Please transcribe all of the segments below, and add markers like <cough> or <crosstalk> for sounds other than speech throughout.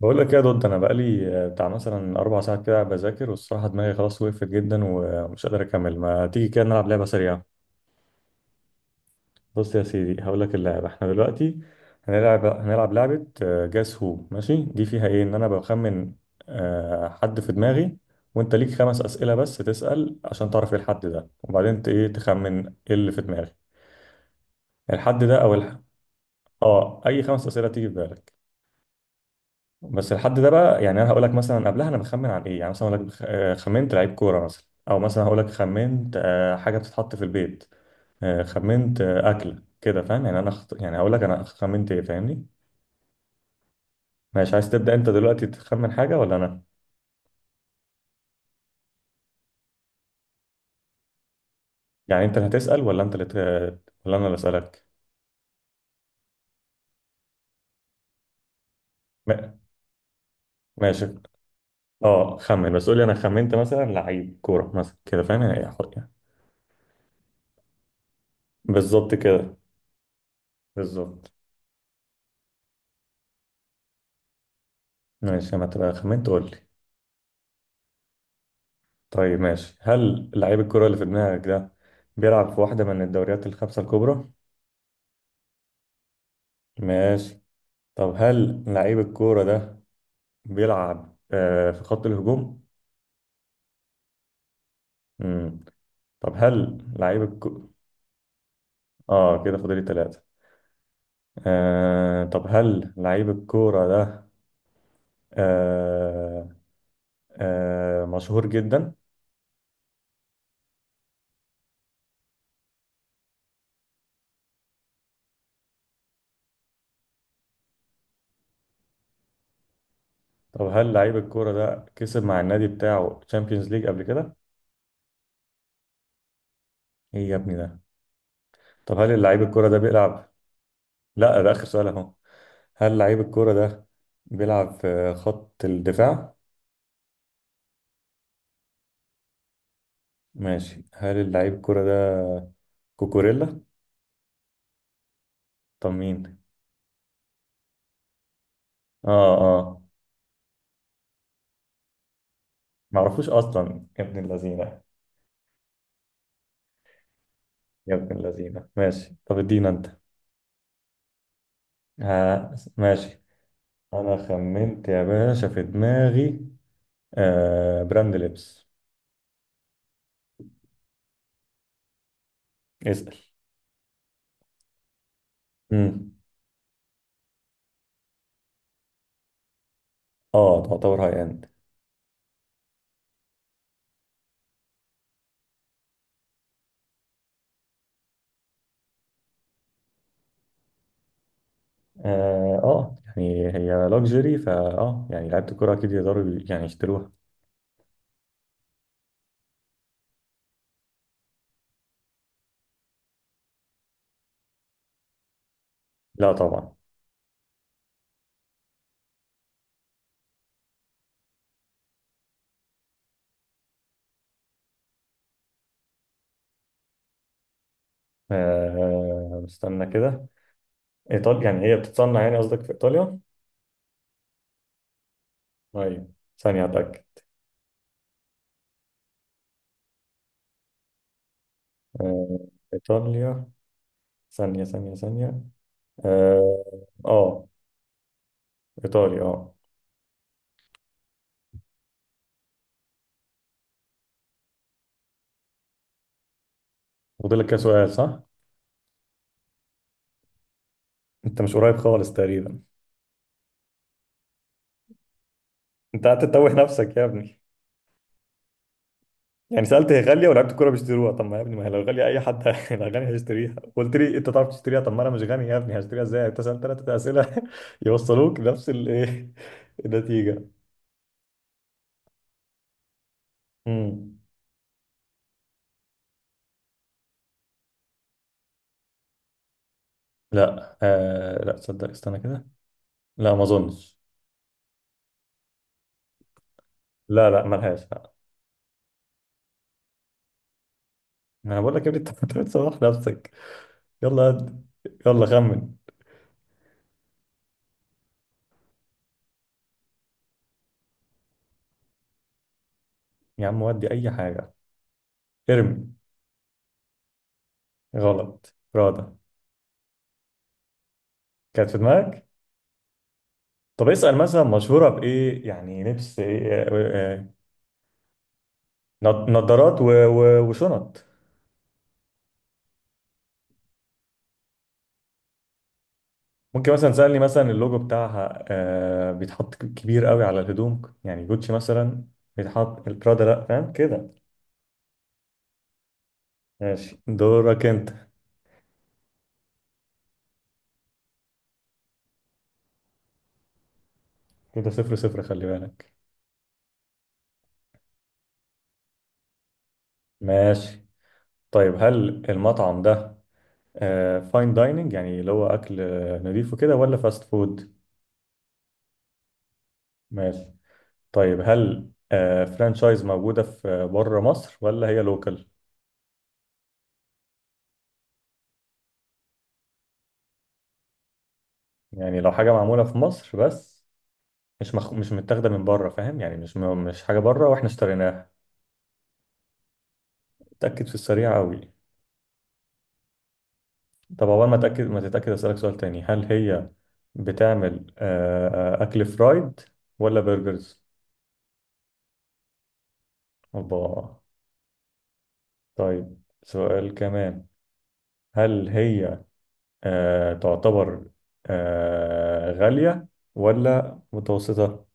بقول لك ايه يا دود. انا بقالي بتاع مثلا 4 ساعات كده بذاكر، والصراحه دماغي خلاص وقفت جدا ومش قادر اكمل. ما تيجي كده نلعب لعبه سريعه. بص يا سيدي، هقول لك اللعبه. احنا دلوقتي هنلعب لعبه. جاس هو ماشي، دي فيها ايه؟ ان انا بخمن حد في دماغي، وانت ليك 5 اسئله بس تسال عشان تعرف ايه الحد ده، وبعدين ايه تخمن ايه اللي في دماغي. الحد ده. اه، اي 5 اسئله تيجي في بالك. بس الحد ده بقى، يعني انا هقول لك مثلا قبلها انا بخمن عن ايه. يعني مثلا اقول لك خمنت لعيب كوره مثلا، او مثلا هقول لك خمنت حاجه بتتحط في البيت. خمنت اكله، كده فاهم يعني. انا يعني هقول لك انا خمنت ايه، فاهمني. ماشي، عايز تبدا انت دلوقتي تخمن حاجه ولا انا؟ يعني انت اللي هتسال ولا انت اللي ولا انا اللي اسالك؟ ما- ماشي. اه خمن، بس قول لي انا خمنت مثلا لعيب كوره مثلا، كده فاهم يعني. إيه؟ بالظبط كده، بالظبط. ماشي، ما تبقى خمنت قول لي. طيب ماشي، هل لعيب الكرة اللي في دماغك ده بيلعب في واحدة من الدوريات الخمسة الكبرى؟ ماشي. طب هل لعيب الكورة ده بيلعب في خط الهجوم؟ مم. طب هل لعيب الكورة. اه، كده فاضل لي 3. طب هل لعيب الكورة ده آه مشهور جدا؟ طب هل لعيب الكورة ده كسب مع النادي بتاعه تشامبيونز ليج قبل كده؟ ايه يا ابني ده؟ طب هل لعيب الكورة ده بيلعب؟ لا، ده آخر سؤال اهو. هل لعيب الكرة ده بيلعب في خط الدفاع؟ ماشي، هل اللعيب الكرة ده كوكوريلا؟ طب مين؟ اه، اه. معرفوش اصلا يا ابن اللذينة. يا ابن اللذينة، ماشي طب ادينا انت. ها ماشي. انا خمنت يا باشا في دماغي براند لبس. اسأل. امم اه، تعتبر هاي اند. اه، يعني هي لوكسجري فا. اه يعني لعيبة الكرة اكيد يقدروا يعني يشتروها. لا طبعا. استنى كده. إيطاليا يعني هي بتتصنع يعني قصدك في إيطاليا؟ طيب، ثانية أتأكد. آه إيطاليا. ثانية ثانية ثانية. آه, آه إيطاليا. فاضلك كده سؤال صح؟ أنت مش قريب خالص تقريبا. أنت قاعد تتوه نفسك يا ابني. يعني سألت هي غالية ولاعيبة الكورة بيشتروها. طب ما يا ابني، ما هي لو غالية أي حد <laughs> هيبقى غني هيشتريها. قلت لي أنت تعرف تشتريها، طب ما أنا مش غني يا ابني، هشتريها إزاي؟ أنت سألت 3 أسئلة. <laughs> يوصلوك نفس الإيه، النتيجة. امم لا، لا تصدق استنى كده. لا ما اظنش. لا لا ملهاش، لا. انا بقول لك يا ابني انت <laughs> أنت بتسوح نفسك. يلا هد. يلا خمن. يا عم ودي اي حاجه، ارمي. غلط، راضة كانت في دماغك. طب اسال مثلا مشهوره بايه، يعني لبس ايه. نضارات وشنط. ممكن مثلا تسالني مثلا اللوجو بتاعها بيتحط كبير قوي على الهدوم، يعني جوتشي مثلا. بيتحط راضة لا، فاهم كده. ماشي دورك انت. كده 0-0، خلي بالك. ماشي. طيب هل المطعم ده فاين دايننج، يعني اللي هو أكل نضيف وكده، ولا فاست فود؟ ماشي. طيب هل فرانشايز موجودة في بره مصر ولا هي لوكال؟ يعني لو حاجة معمولة في مصر بس، مش متاخدة من بره، فاهم يعني، مش حاجة بره واحنا اشتريناها. اتأكد في السريع قوي. طب أول ما تتأكد أسألك سؤال تاني. هل هي بتعمل أكل فرايد ولا برجرز؟ الله. طيب سؤال كمان، هل هي تعتبر غالية ولا متوسطة؟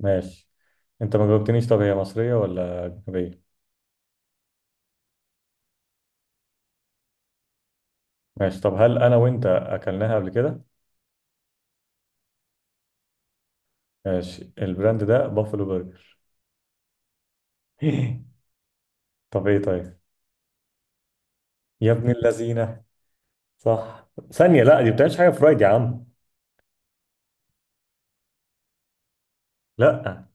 ماشي. انت ما جاوبتنيش، طب هي مصرية ولا أجنبية؟ ماشي. طب هل أنا وأنت أكلناها قبل كده؟ ماشي، البراند ده بافلو برجر. <laughs> طب إيه طيب؟ يا ابن اللذينة. صح ثانية، لا دي بتعملش حاجة فرايد يا عم. لا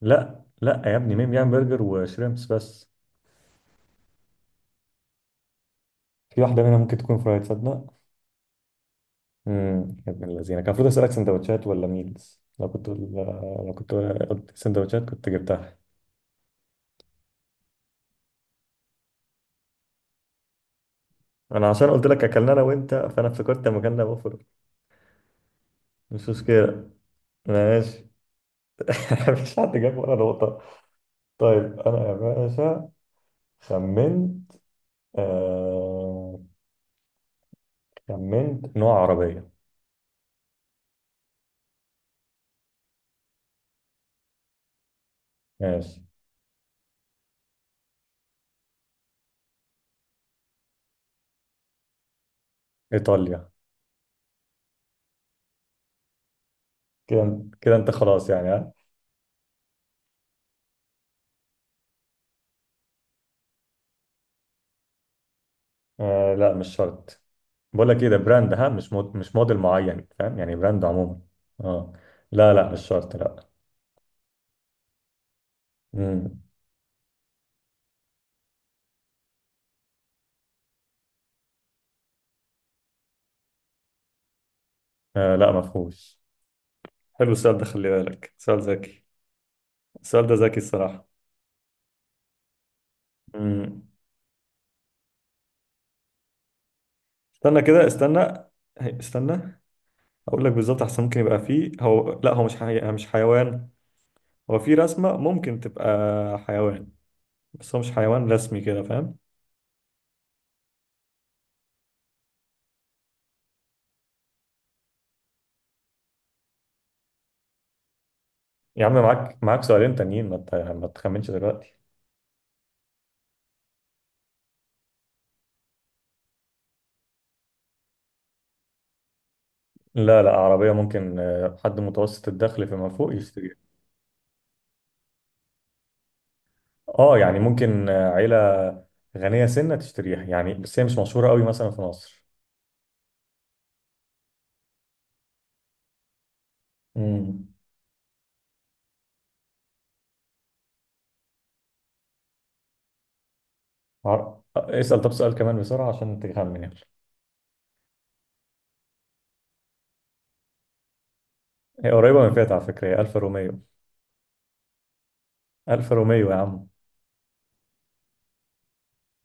لا، لا يا ابني مين بيعمل برجر وشريمبس بس؟ في واحدة منها ممكن تكون فرايد تصدق؟ يا ابن الذين، كان المفروض اسالك سندوتشات ولا ميلز. لو كنت قلت سندوتشات كنت جبتها. انا عشان قلت لك اكلنا انا وانت، فانا افتكرت لما كنا بفرق. مش مشكله. ماشي. <laughs> مفيش حد جاب ولا نقطه. طيب انا يا باشا خمنت آه... خمنت نوع عربيه. ماشي، ايطاليا. كده كده انت خلاص يعني. <laughs> لا مش شرط. بقول لك ايه، ده براند، ها، مش موديل معين، فاهم يعني، براند عموما. اه، لا لا مش شرط لا. امم لا ما فيهوش. حلو السؤال ده، خلي بالك سؤال ذكي. السؤال ده ذكي الصراحة. امم استنى كده، استنى، استنى. اقول لك بالظبط احسن. ممكن يبقى فيه، هو لا، هو مش حيوان. هو في رسمة ممكن تبقى حيوان، بس هو مش حيوان رسمي، كده فاهم. يا عم، معاك سؤالين تانيين، ما تخمنش دلوقتي. لا لا، عربية ممكن حد متوسط الدخل فيما فوق يشتريها. اه يعني ممكن عيلة غنية سنة تشتريها يعني، بس هي مش مشهورة قوي مثلا في مصر. امم عر... آه، اسأل، طب سؤال كمان بسرعة عشان تخمن يعني. هي قريبة من فيات على فكرة، هي ألفا روميو. ألفا روميو يا عم.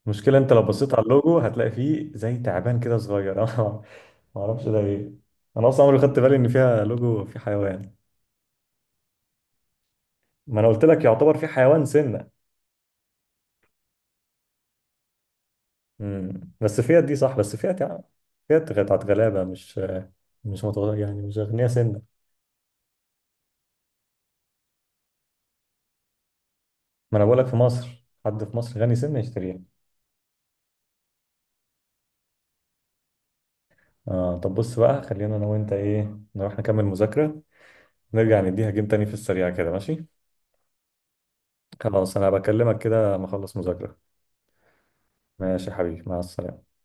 المشكلة انت لو بصيت على اللوجو هتلاقي فيه زي تعبان كده صغير. <laughs> انا ما اعرفش ده ايه. انا اصلا عمري ما خدت بالي ان فيها لوجو في حيوان. ما انا قلت لك يعتبر في حيوان سنة. مم. بس فيات دي صح، بس فيات يعني، فيات بتاعت غلابة، مش مش متغ... يعني مش أغنياء سنة. ما أنا بقولك، في مصر حد في مصر غني سنة يشتريها. طب بص بقى، خلينا أنا وأنت إيه نروح نكمل مذاكرة. نرجع نديها جيم تاني في السريع كده ماشي؟ خلاص، أنا بكلمك كده ما أخلص مذاكرة. ماشي يا حبيبي، مع السلامة.